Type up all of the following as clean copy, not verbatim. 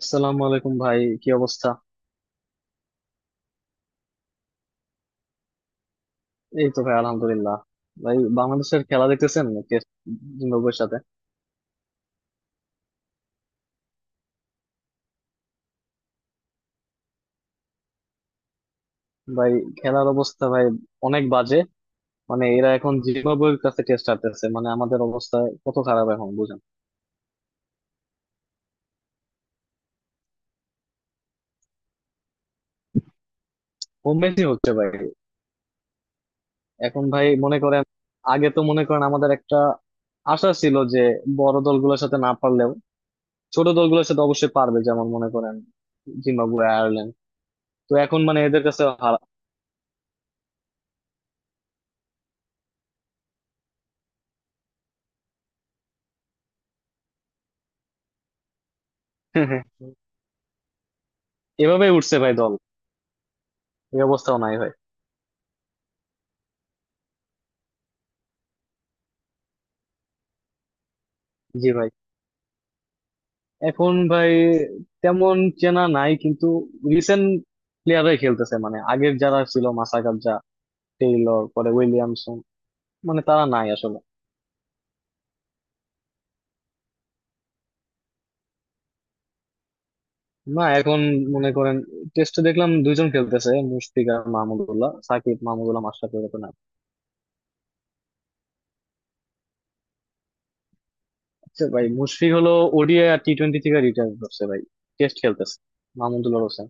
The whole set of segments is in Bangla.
আসসালামু আলাইকুম ভাই, কি অবস্থা? এই তো ভাই, আলহামদুলিল্লাহ। ভাই, বাংলাদেশের খেলা দেখতেছেন জিম্বাবুয়ের সাথে? ভাই, খেলার অবস্থা ভাই অনেক বাজে। মানে এরা এখন জিম্বাবুয়ের কাছে টেস্ট হারতেছে, মানে আমাদের অবস্থা কত খারাপ এখন বুঝেন। হোম ম্যাচই হচ্ছে ভাই। এখন ভাই মনে করেন, আগে তো মনে করেন আমাদের একটা আশা ছিল যে বড় দলগুলোর সাথে না পারলেও ছোট দলগুলোর সাথে অবশ্যই পারবে, যেমন মনে করেন জিম্বাবুয়ে, আয়ারল্যান্ড। তো এখন মানে এদের কাছে হারা। এভাবেই উঠছে ভাই দল। এই অবস্থাও নাই ভাই। জি ভাই, এখন ভাই তেমন চেনা নাই, কিন্তু রিসেন্ট প্লেয়াররাই খেলতেছে। মানে আগের যারা ছিল মাসাকাদজা, টেইলর, পরে উইলিয়ামসন, মানে তারা নাই আসলে। না এখন মনে করেন টেস্টে দেখলাম দুইজন খেলতেছে, মুশফিক আর মাহমুদুল্লাহ। সাকিব, মাহমুদুল্লাহ, মাশরাফি এরকম না। আচ্ছা ভাই, মুশফিক হলো ওডিআই আর টি টোয়েন্টি থেকে রিটায়ার করছে ভাই। টেস্ট খেলতেছে মাহমুদুল্লাহ হোসেন।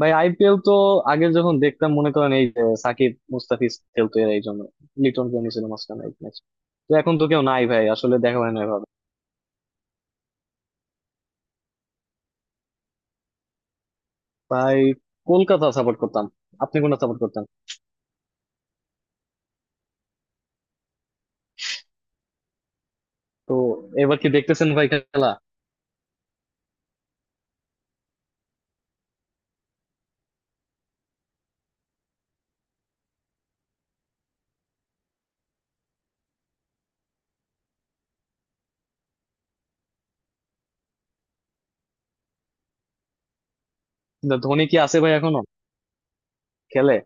ভাই আইপিএল তো আগে যখন দেখতাম মনে করেন, এই যে সাকিব মুস্তাফিজ খেলতো এর এই জন্য। লিটন কেমনি ছিল মাঝখানে এক ম্যাচ। তো এখন তো কেউ নাই ভাই, আসলে দেখা হয় না এভাবে। ভাই কলকাতা সাপোর্ট করতাম। আপনি কোনটা সাপোর্ট করতেন? তো এবার কি দেখতেছেন ভাই খেলা? না, ধোনি কি আছে ভাই এখনো? খেলে?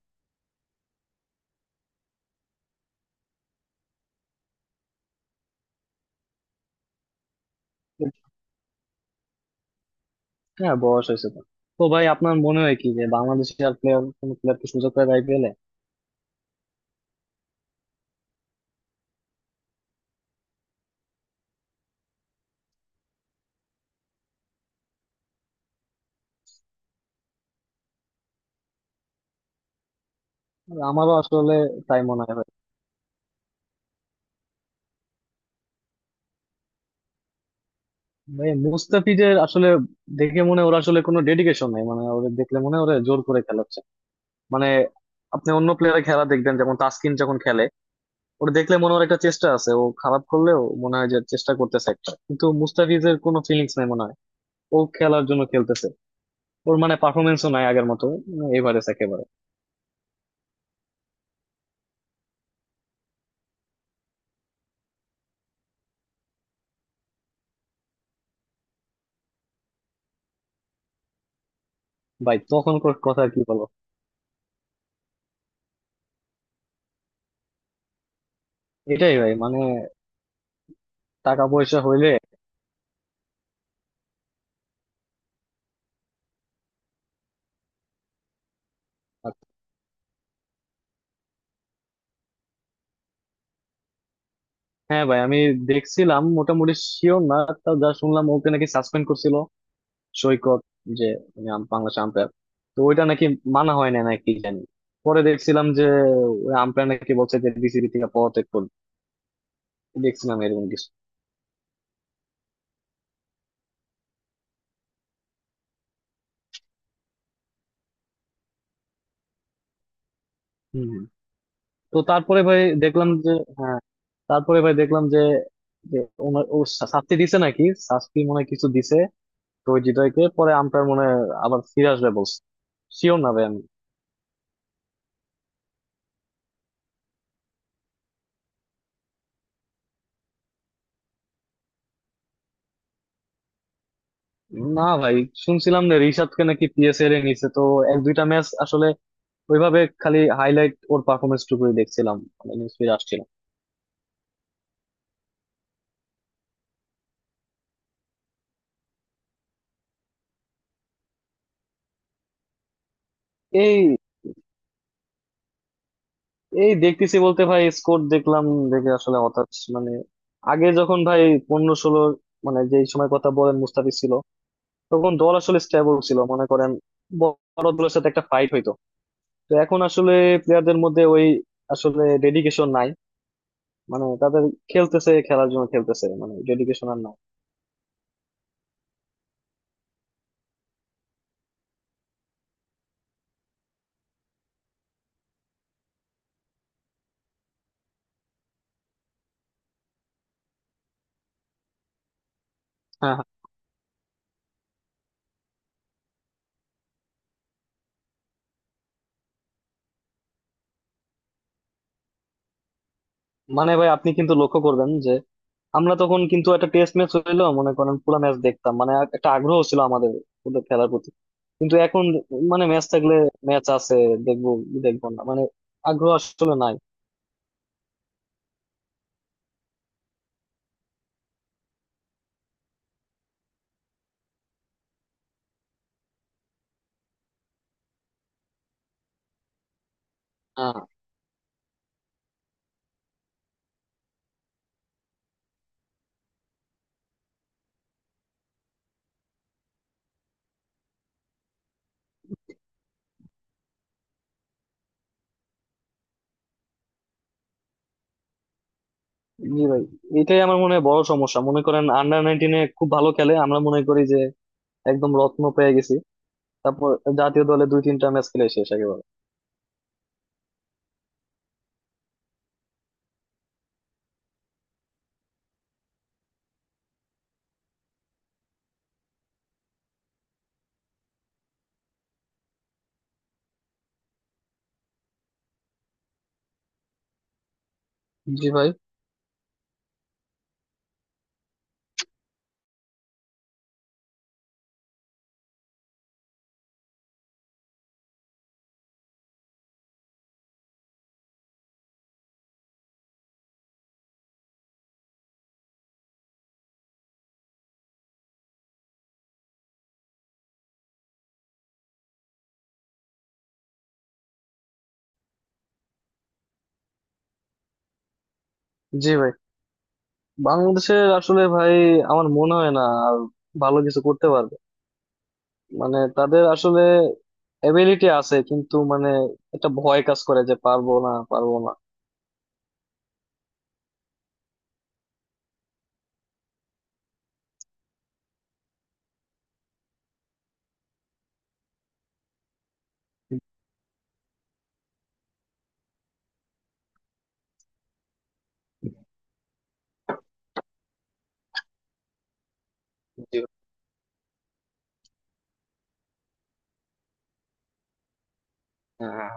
হ্যাঁ, বয়স হয়েছে তো। তো ভাই, আপনার মনে হয় কি যে বাংলাদেশে আর প্লেয়ার কোন প্লেয়ারকে সুযোগ পায় আইপিএলে? আমারও আসলে তাই মনে হয় ভাই। ভাই মুস্তাফিজের আসলে দেখে মনে হয় ওরা আসলে কোনো ডেডিকেশন নাই, মানে ওদের দেখলে মনে হয় ওরা জোর করে খেলাচ্ছে। মানে আপনি অন্য প্লেয়ারের খেলা দেখবেন, যেমন তাসকিন যখন খেলে, ওটা দেখলে মনে হয় একটা চেষ্টা আছে। ও খারাপ করলেও মনে হয় যে চেষ্টা করতেছে একটা, কিন্তু মুস্তাফিজের কোনো ফিলিংস নাই মনে হয়। ও খেলার জন্য খেলতেছে। ওর মানে পারফরমেন্সও নাই আগের মতো, এভারেজ একেবারে। ভাই তখন কথা আর কি বলবো। এটাই ভাই, মানে টাকা পয়সা হইলে। হ্যাঁ ভাই, আমি দেখছিলাম, মোটামুটি শিওর না। তা যা শুনলাম, ওকে নাকি সাসপেন্ড করছিল সৈকত, যে মানে বাংলাদেশ আম্পায়ার। তো ওইটা নাকি মানা হয় না নাকি জানি। পরে দেখছিলাম যে ওই আম্পায়ার নাকি বলছে যে বিসিবি থেকে পদত্যাগ করবে। দেখছিলাম এরকম কিছু। হম হম। তো তারপরে ভাই দেখলাম যে, হ্যাঁ, তারপরে ভাই দেখলাম যে যে ওনার ও শাস্তি দিছে নাকি, শাস্তি মনে হয় কিছু দিছে। তো ওই হৃদয়কে পরে আম্পায়ার মনে হয় আবার ফিরে আসবে বলছে। শিওর না ভাই আমি। না ভাই, শুনছিলাম যে রিশাদকে নাকি পিএসএল এ নিছে। তো এক দুইটা ম্যাচ আসলে ওইভাবে, খালি হাইলাইট ওর পারফরমেন্স টুকুই দেখছিলাম, মানে নিউজ ফিড আসছিল। এই এই দেখতেছি বলতে ভাই স্কোর দেখলাম, দেখে আসলে হতাশ। মানে আগে যখন ভাই 15 16, মানে যেই সময় কথা বলেন মুস্তাফিজ ছিল, তখন দল আসলে স্টেবল ছিল মনে করেন। বড় দলের সাথে একটা ফাইট হইতো। তো এখন আসলে প্লেয়ারদের মধ্যে ওই আসলে ডেডিকেশন নাই, মানে তাদের। খেলতেছে, খেলার জন্য খেলতেছে, মানে ডেডিকেশন আর নাই। হ্যাঁ হ্যাঁ। মানে ভাই আপনি কিন্তু লক্ষ্য করবেন যে আমরা তখন কিন্তু একটা টেস্ট ম্যাচ হইলো মনে করেন পুরো ম্যাচ দেখতাম, মানে একটা আগ্রহ ছিল আমাদের ওদের খেলার প্রতি। কিন্তু এখন মানে ম্যাচ থাকলে, ম্যাচ আছে, দেখবো কি দেখবো না, মানে আগ্রহ আসলে নাই। হ্যাঁ, জি ভাই, এটাই আমার মনে হয় বড় সমস্যা। মনে করেন আন্ডার নাইনটিনে খুব ভালো খেলে, আমরা মনে করি যে একদম রত্ন পেয়ে গেছি। তারপর জাতীয় দলে দুই তিনটা ম্যাচ খেলে শেষ একেবারে। জি ভাই। জি ভাই, বাংলাদেশের আসলে ভাই আমার মনে হয় না আর ভালো কিছু করতে পারবে। মানে তাদের আসলে এবিলিটি আছে কিন্তু মানে একটা ভয় কাজ করে যে পারবো না, পারবো না। জি। হ্যাঁ,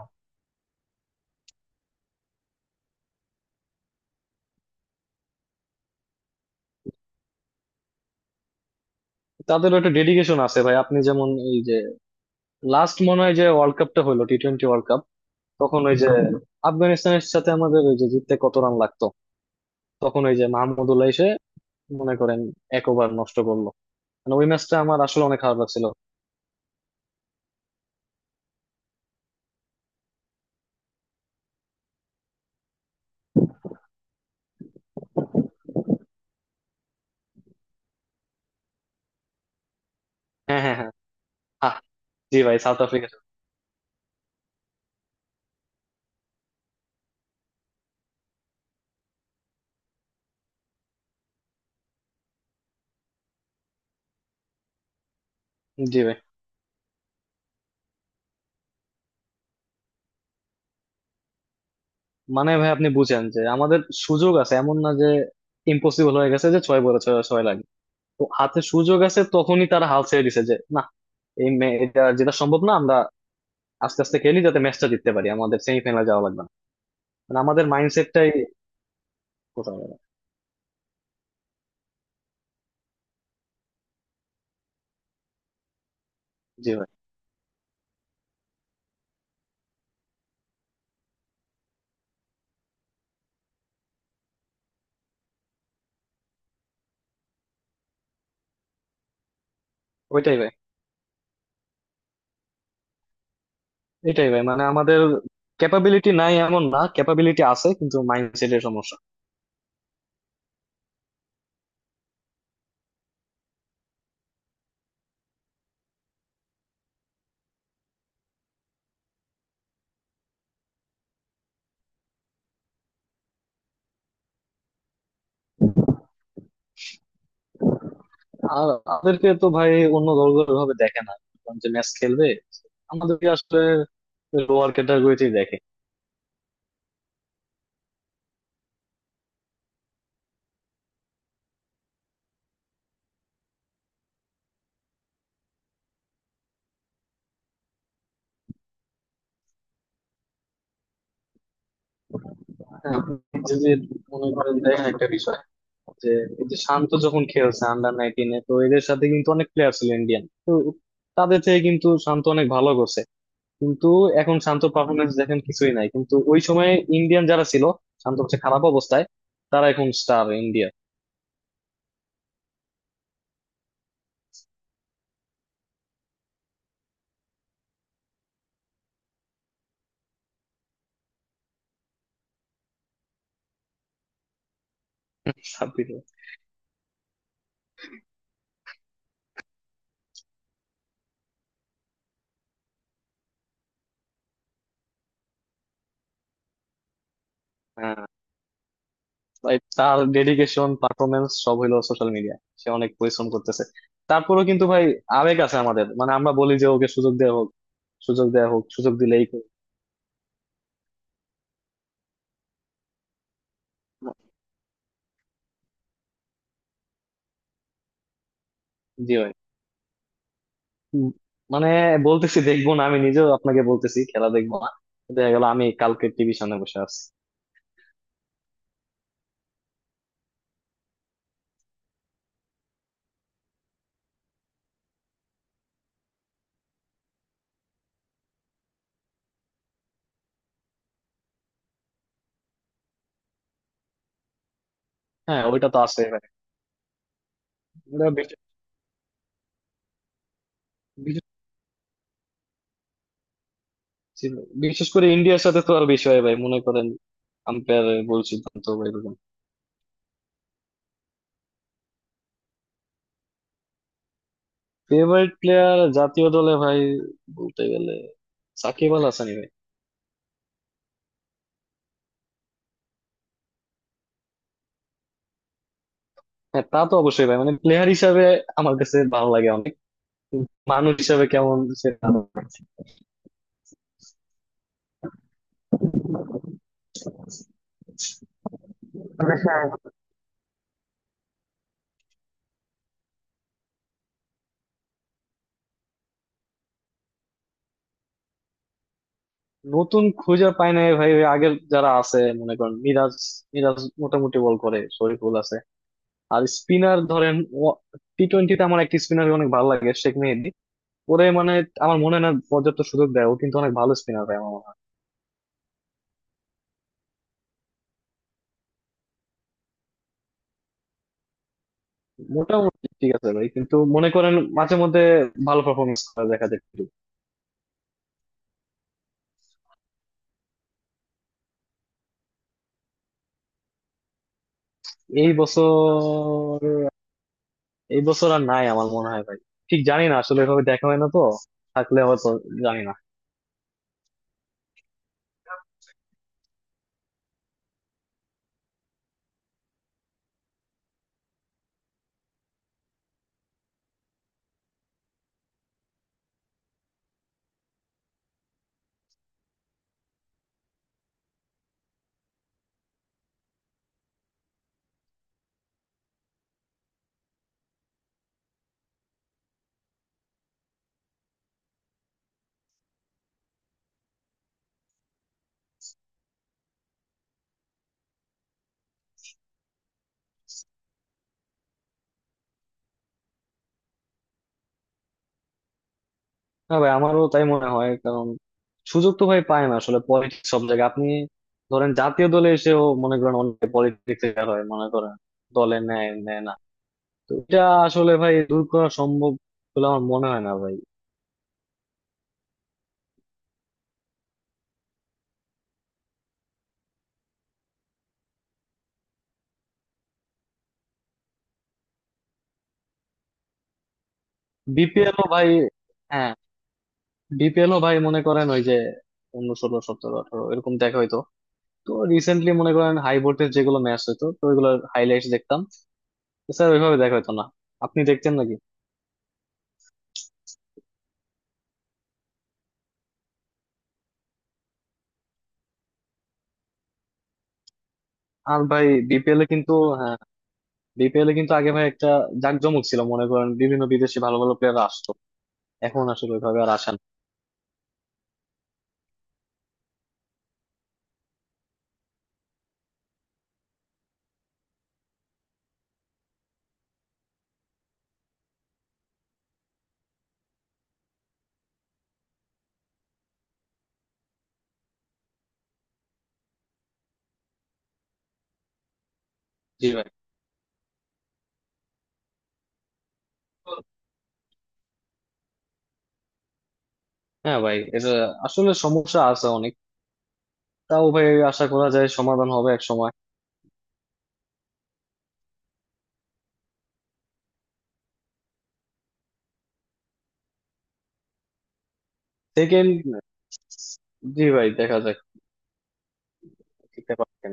তাদেরও একটা ডেডিকেশন আছে ভাই। আপনি যেমন, এই যে লাস্ট মনে হয় যে ওয়ার্ল্ড কাপটা হলো টি টোয়েন্টি ওয়ার্ল্ড কাপ, তখন ওই যে আফগানিস্তানের সাথে আমাদের ওই যে জিততে কত রান লাগতো, তখন ওই যে মাহমুদুল্লাহ এসে মনে করেন এক ওভার নষ্ট করলো। মানে ওই ম্যাচটা আমার আসলে অনেক খারাপ লাগছিল। হ্যাঁ হ্যাঁ হ্যাঁ। আহ, জি ভাই, সাউথ আফ্রিকা। জি ভাই, মানে ভাই আপনি বুঝেন যে আমাদের সুযোগ আছে, এমন না যে ইম্পসিবল হয়ে গেছে যে ছয় বলে ছয় ছয় লাগবে। তো হাতে সুযোগ আছে, তখনই তারা হাল ছেড়ে দিছে যে না, এই এটা যেটা সম্ভব না, আমরা আস্তে আস্তে খেলি যাতে ম্যাচটা জিততে পারি, আমাদের সেমিফাইনালে যাওয়া লাগবে না। মানে আমাদের মাইন্ডসেটটাই কোথাও নেই। জি ভাই। ওইটাই ভাই, এটাই ভাই, মানে আমাদের ক্যাপাবিলিটি নাই এমন না, ক্যাপাবিলিটি আছে কিন্তু মাইন্ডসেটের সমস্যা। আর আমাদেরকে তো ভাই অন্য দলগুলো ভাবে দেখে না, কারণ যে ম্যাচ খেলবে আমাদেরকে আসলে লোয়ার ক্যাটাগরিতেই দেখে। হ্যাঁ, আপনি যদি মনে করেন, দেখেন একটা বিষয় যে এই যে শান্ত যখন খেলছে আন্ডার নাইনটিনে, তো এদের সাথে কিন্তু অনেক প্লেয়ার ছিল ইন্ডিয়ান, তো তাদের থেকে কিন্তু শান্ত অনেক ভালো করছে। কিন্তু এখন শান্ত পারফরমেন্স দেখেন কিছুই নাই, কিন্তু ওই সময় ইন্ডিয়ান যারা ছিল, শান্ত হচ্ছে খারাপ অবস্থায়, তারা এখন স্টার ইন্ডিয়া। হ্যাঁ ভাই, তার ডেডিকেশন পারফরমেন্স সব হলো সোশ্যাল মিডিয়া। সে অনেক পরিশ্রম করতেছে, তারপরেও কিন্তু ভাই আবেগ আছে আমাদের, মানে আমরা বলি যে ওকে সুযোগ দেওয়া হোক। সুযোগ দেওয়া হোক, সুযোগ দিলেই করুক। জি ভাই। উম, মানে বলতেছি দেখবো না, আমি নিজেও আপনাকে বলতেছি খেলা দেখবো না, দেখা গেল আমি কালকে টিভি সামনে বসে আছি। হ্যাঁ, ওইটা তো আছে ভাই। ওটা বিশ- ছিল। বিশেষ করে ইন্ডিয়ার সাথে তো আর বিষয় ভাই, মনে করেন আম্পায়ার ভুল সিদ্ধান্ত বা এরকম। ফেভারিট প্লেয়ার জাতীয় দলে ভাই বলতে গেলে সাকিব আল হাসানই ভাই। হ্যাঁ, তা তো অবশ্যই ভাই, মানে প্লেয়ার হিসাবে আমার কাছে ভালো লাগে অনেক, মানুষ হিসাবে কেমন সে। নতুন খুঁজে পাই নাই ভাই, ওই আগের যারা আছে, মনে করেন মিরাজ মিরাজ মোটামুটি বল করে, শরীফুল আছে। আর স্পিনার ধরেন, টি টোয়েন্টিতে আমার একটা স্পিনার অনেক ভালো লাগে, শেখ মেহেদী। ওরে মানে আমার মনে হয় না পর্যাপ্ত সুযোগ দেয়, ও কিন্তু অনেক ভালো স্পিনার ভাই আমার মনে হয়। মোটামুটি ঠিক আছে ভাই, কিন্তু মনে করেন মাঝে মধ্যে ভালো পারফরমেন্স করে দেখা যায় কিন্তু। এই বছর, এই বছর আর নাই আমার মনে হয় ভাই, ঠিক জানি না আসলে, এভাবে দেখা হয় না তো। থাকলে হয়তো, জানি না। না ভাই, আমারও তাই মনে হয়, কারণ সুযোগ তো ভাই পায় না আসলে। পলিটিক্স সব জায়গায় আপনি ধরেন, জাতীয় দলে এসেও মনে করেন অনেক পলিটিক্স হয়। মনে করেন দলে নেয় নেয় না। তো এটা আসলে ভাই দূর করা সম্ভব বলে আমার মনে হয় না ভাই। বিপিএল ও ভাই, হ্যাঁ, বিপিএল ও ভাই মনে করেন, ওই যে অন্য 16 17 18 এরকম দেখা হইতো। তো রিসেন্টলি মনে করেন হাই ভোল্টেজ যেগুলো ম্যাচ হইতো, তো ওইগুলো হাইলাইটস দেখতাম। স্যার ওইভাবে দেখা হইতো না, আপনি দেখতেন নাকি? আর ভাই বিপিএল এ কিন্তু, হ্যাঁ, বিপিএল এ কিন্তু আগে ভাই একটা জাঁকজমক ছিল মনে করেন, বিভিন্ন বিদেশি ভালো ভালো প্লেয়ার আসতো। এখন আসলে ওইভাবে আর আসে না। জি ভাই। হ্যাঁ ভাই, এটা আসলে সমস্যা আছে অনেক, তাও ভাই আশা করা যায় সমাধান হবে এক সময়। সেকেন্ড, জি ভাই দেখা যাক কি ব্যাপার।